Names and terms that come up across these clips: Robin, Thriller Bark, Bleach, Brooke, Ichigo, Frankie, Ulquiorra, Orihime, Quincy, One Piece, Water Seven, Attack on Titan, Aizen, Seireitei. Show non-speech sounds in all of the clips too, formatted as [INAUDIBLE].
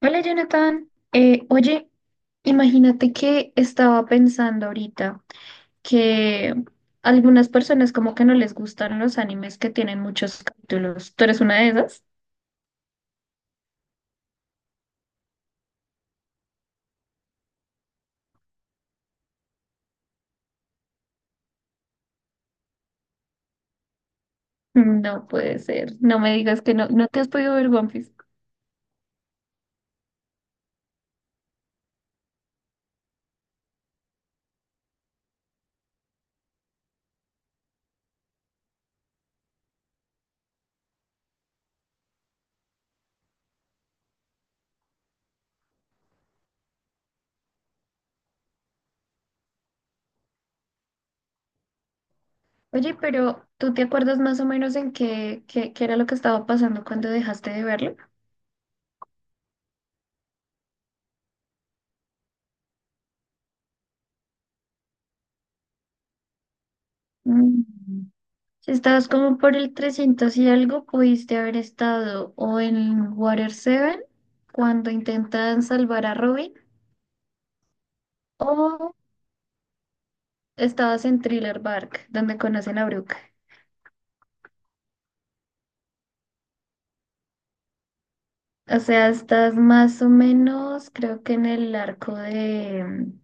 Hola Jonathan, imagínate que estaba pensando ahorita que algunas personas como que no les gustan los animes que tienen muchos capítulos. ¿Tú eres una de esas? [LAUGHS] No puede ser, no me digas que no te has podido ver One Piece. Oye, pero ¿tú te acuerdas más o menos en qué era lo que estaba pasando cuando dejaste de verlo? Mm. Si estabas como por el 300 y algo, pudiste haber estado o en Water Seven cuando intentan salvar a Robin, o estabas en Thriller Bark, donde conocen a Brooke. O sea, estás más o menos, creo que en el arco de,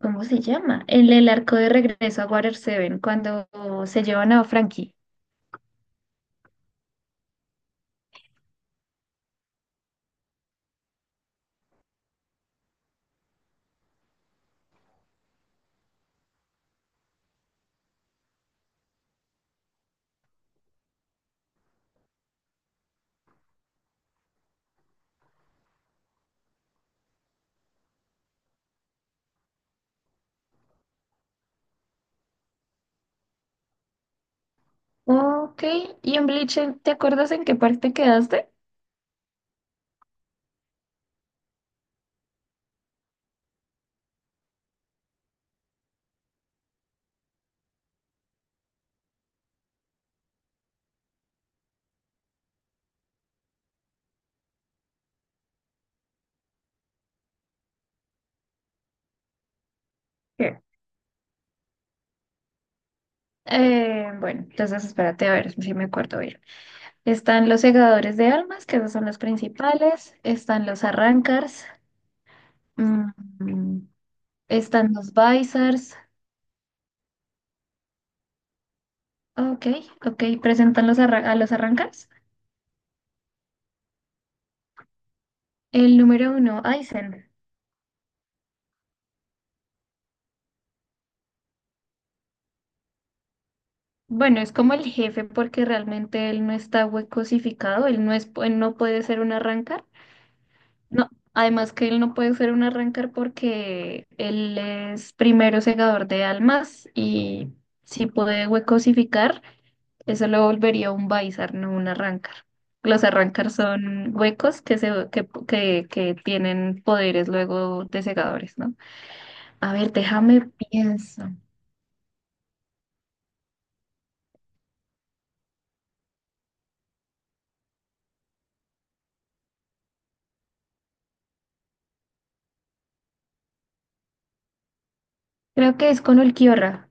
¿cómo se llama? En el arco de regreso a Water Seven cuando se llevan a Frankie. Ok, y en Bleach, ¿te acuerdas en qué parte quedaste? Sí. Bueno, entonces espérate a ver si me acuerdo bien. Están los segadores de almas, que esos son los principales. Están los arrancars. mm, Están los Bizars. Ok, ok. Presentan los a los arrancars. El número uno, Aizen. Bueno, es como el jefe porque realmente él no está huecosificado. Él no es, él no puede ser un arrancar. No, además que él no puede ser un arrancar porque él es primero segador de almas y si puede huecosificar. Eso lo volvería un Bizarre, no un Arrancar. Los Arrancar son huecos que, se, que tienen poderes luego de segadores, ¿no? A ver, déjame pienso. Creo que es con Ulquiorra,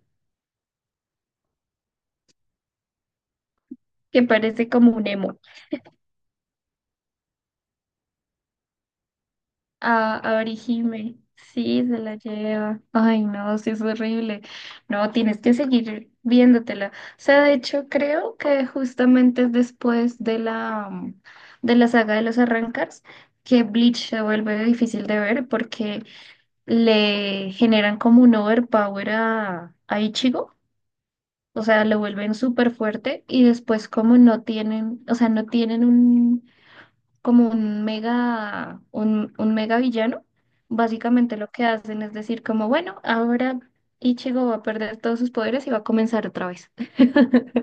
que parece como un emo. A Orihime. Sí, se la lleva. Ay, no, sí es horrible. No, tienes que seguir viéndotela. O sea, de hecho, creo que justamente es después de la, de la saga de los arrancars que Bleach se vuelve difícil de ver porque le generan como un overpower a Ichigo. O sea, lo vuelven súper fuerte y después como no tienen, o sea, no tienen un como un mega, un mega villano, básicamente lo que hacen es decir como, bueno, ahora Ichigo va a perder todos sus poderes y va a comenzar otra vez. [LAUGHS]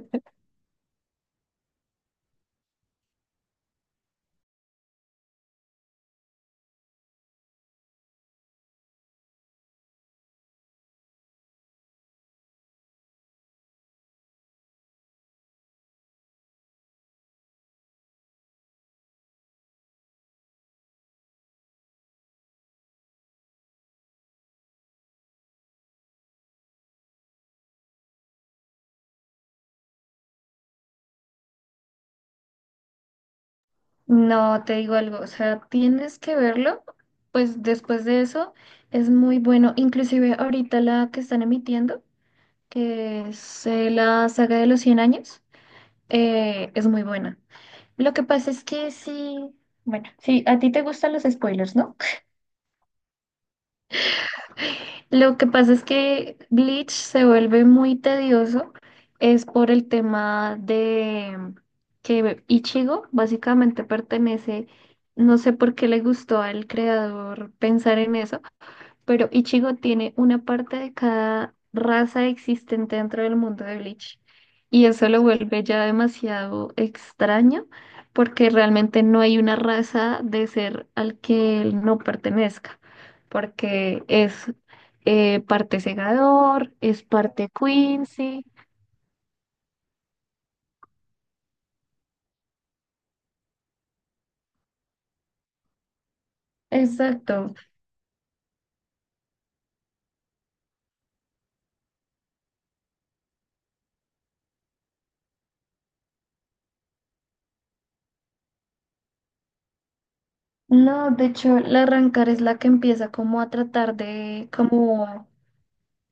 No, te digo algo, o sea, tienes que verlo, pues después de eso es muy bueno, inclusive ahorita la que están emitiendo, que es la saga de los 100 años, es muy buena. Lo que pasa es que sí, bueno, sí, a ti te gustan los spoilers, ¿no? Lo que pasa es que Bleach se vuelve muy tedioso, es por el tema de que Ichigo básicamente pertenece, no sé por qué le gustó al creador pensar en eso, pero Ichigo tiene una parte de cada raza existente dentro del mundo de Bleach. Y eso lo vuelve ya demasiado extraño, porque realmente no hay una raza de ser al que él no pertenezca, porque es parte segador, es parte Quincy. Exacto. No, de hecho, la Rancor es la que empieza como a tratar de como.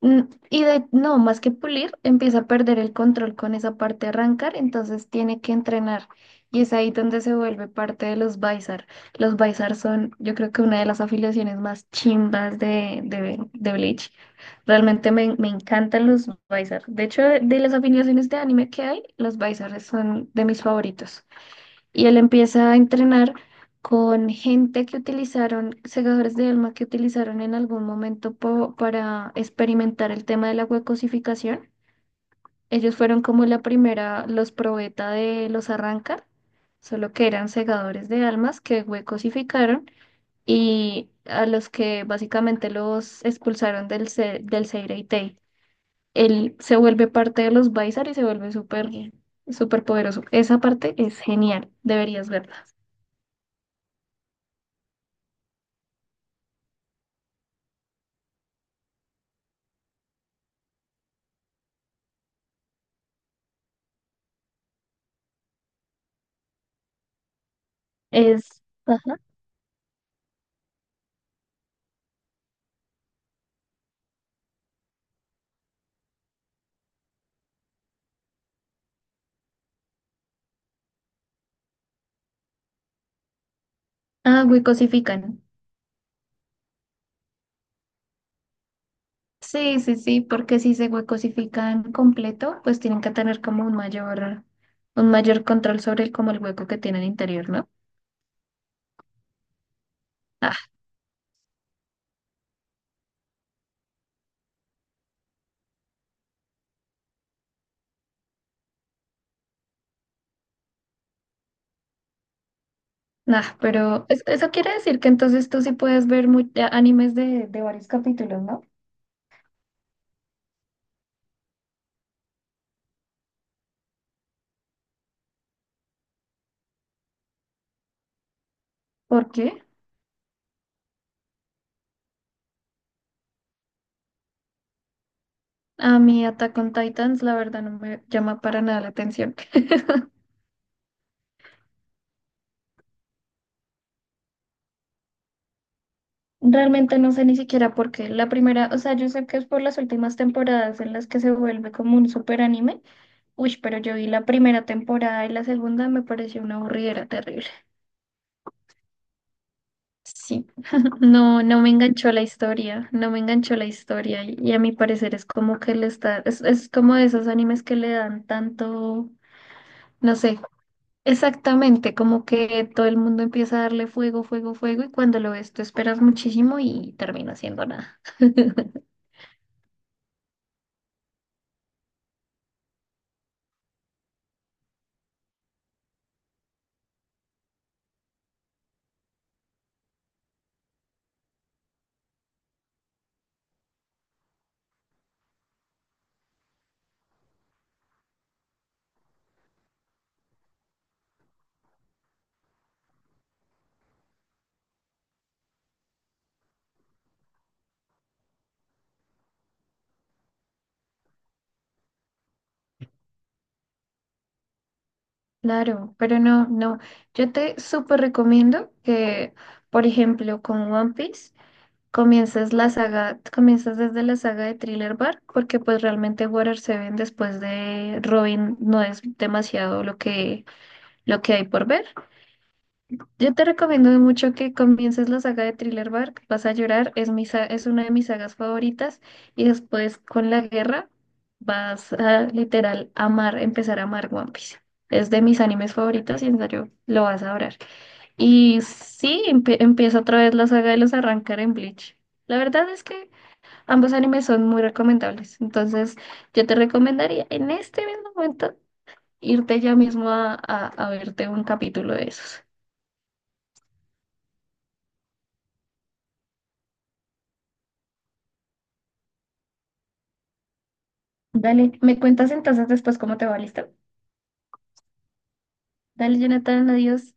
Mm. Y de, no, más que pulir, empieza a perder el control con esa parte de arrancar, entonces tiene que entrenar. Y es ahí donde se vuelve parte de los Bizar. Los Bizar son, yo creo que una de las afiliaciones más chimbas de Bleach. Realmente me encantan los Bizar. De hecho, de las afiliaciones de anime que hay, los Bizar son de mis favoritos y él empieza a entrenar con gente que utilizaron, segadores de alma que utilizaron en algún momento para experimentar el tema de la huecosificación. Ellos fueron como la primera, los probeta de los arranca, solo que eran segadores de almas que huecosificaron y a los que básicamente los expulsaron del, del Seireitei. Él se vuelve parte de los Baisar y se vuelve súper, súper poderoso. Esa parte es genial, deberías verla. Es, ajá. Ah, huecosifican. Sí, sí, sí, porque si se huecosifican completo, pues tienen que tener como un mayor control sobre el, como el hueco que tienen interior, ¿no? Ah, nah, pero eso quiere decir que entonces tú sí puedes ver animes de varios capítulos, ¿no? ¿Por qué? A mí Attack on Titans, la verdad, no me llama para nada la atención. [LAUGHS] Realmente no sé ni siquiera por qué. La primera, o sea, yo sé que es por las últimas temporadas en las que se vuelve como un super anime. Uy, pero yo vi la primera temporada y la segunda me pareció una aburridera terrible. Sí, [LAUGHS] no, no me enganchó la historia, no me enganchó la historia y a mi parecer es como que le está, es como de esos animes que le dan tanto, no sé, exactamente, como que todo el mundo empieza a darle fuego, fuego, fuego y cuando lo ves tú esperas muchísimo y termina siendo nada. Claro, pero no, yo te súper recomiendo que, por ejemplo, con One Piece comienzas la saga, comienzas desde la saga de Thriller Bark, porque pues realmente Water Seven después de Robin no es demasiado lo que hay por ver. Yo te recomiendo mucho que comiences la saga de Thriller Bark, vas a llorar, es es una de mis sagas favoritas, y después con la guerra vas a literal amar, empezar a amar One Piece. Es de mis animes favoritos y en serio lo vas a adorar. Y sí, empieza otra vez la saga de los arrancar en Bleach. La verdad es que ambos animes son muy recomendables. Entonces, yo te recomendaría en este mismo momento irte ya mismo a verte un capítulo de esos. Dale, me cuentas entonces después cómo te va, ¿listo? Dale, Jonathan, adiós.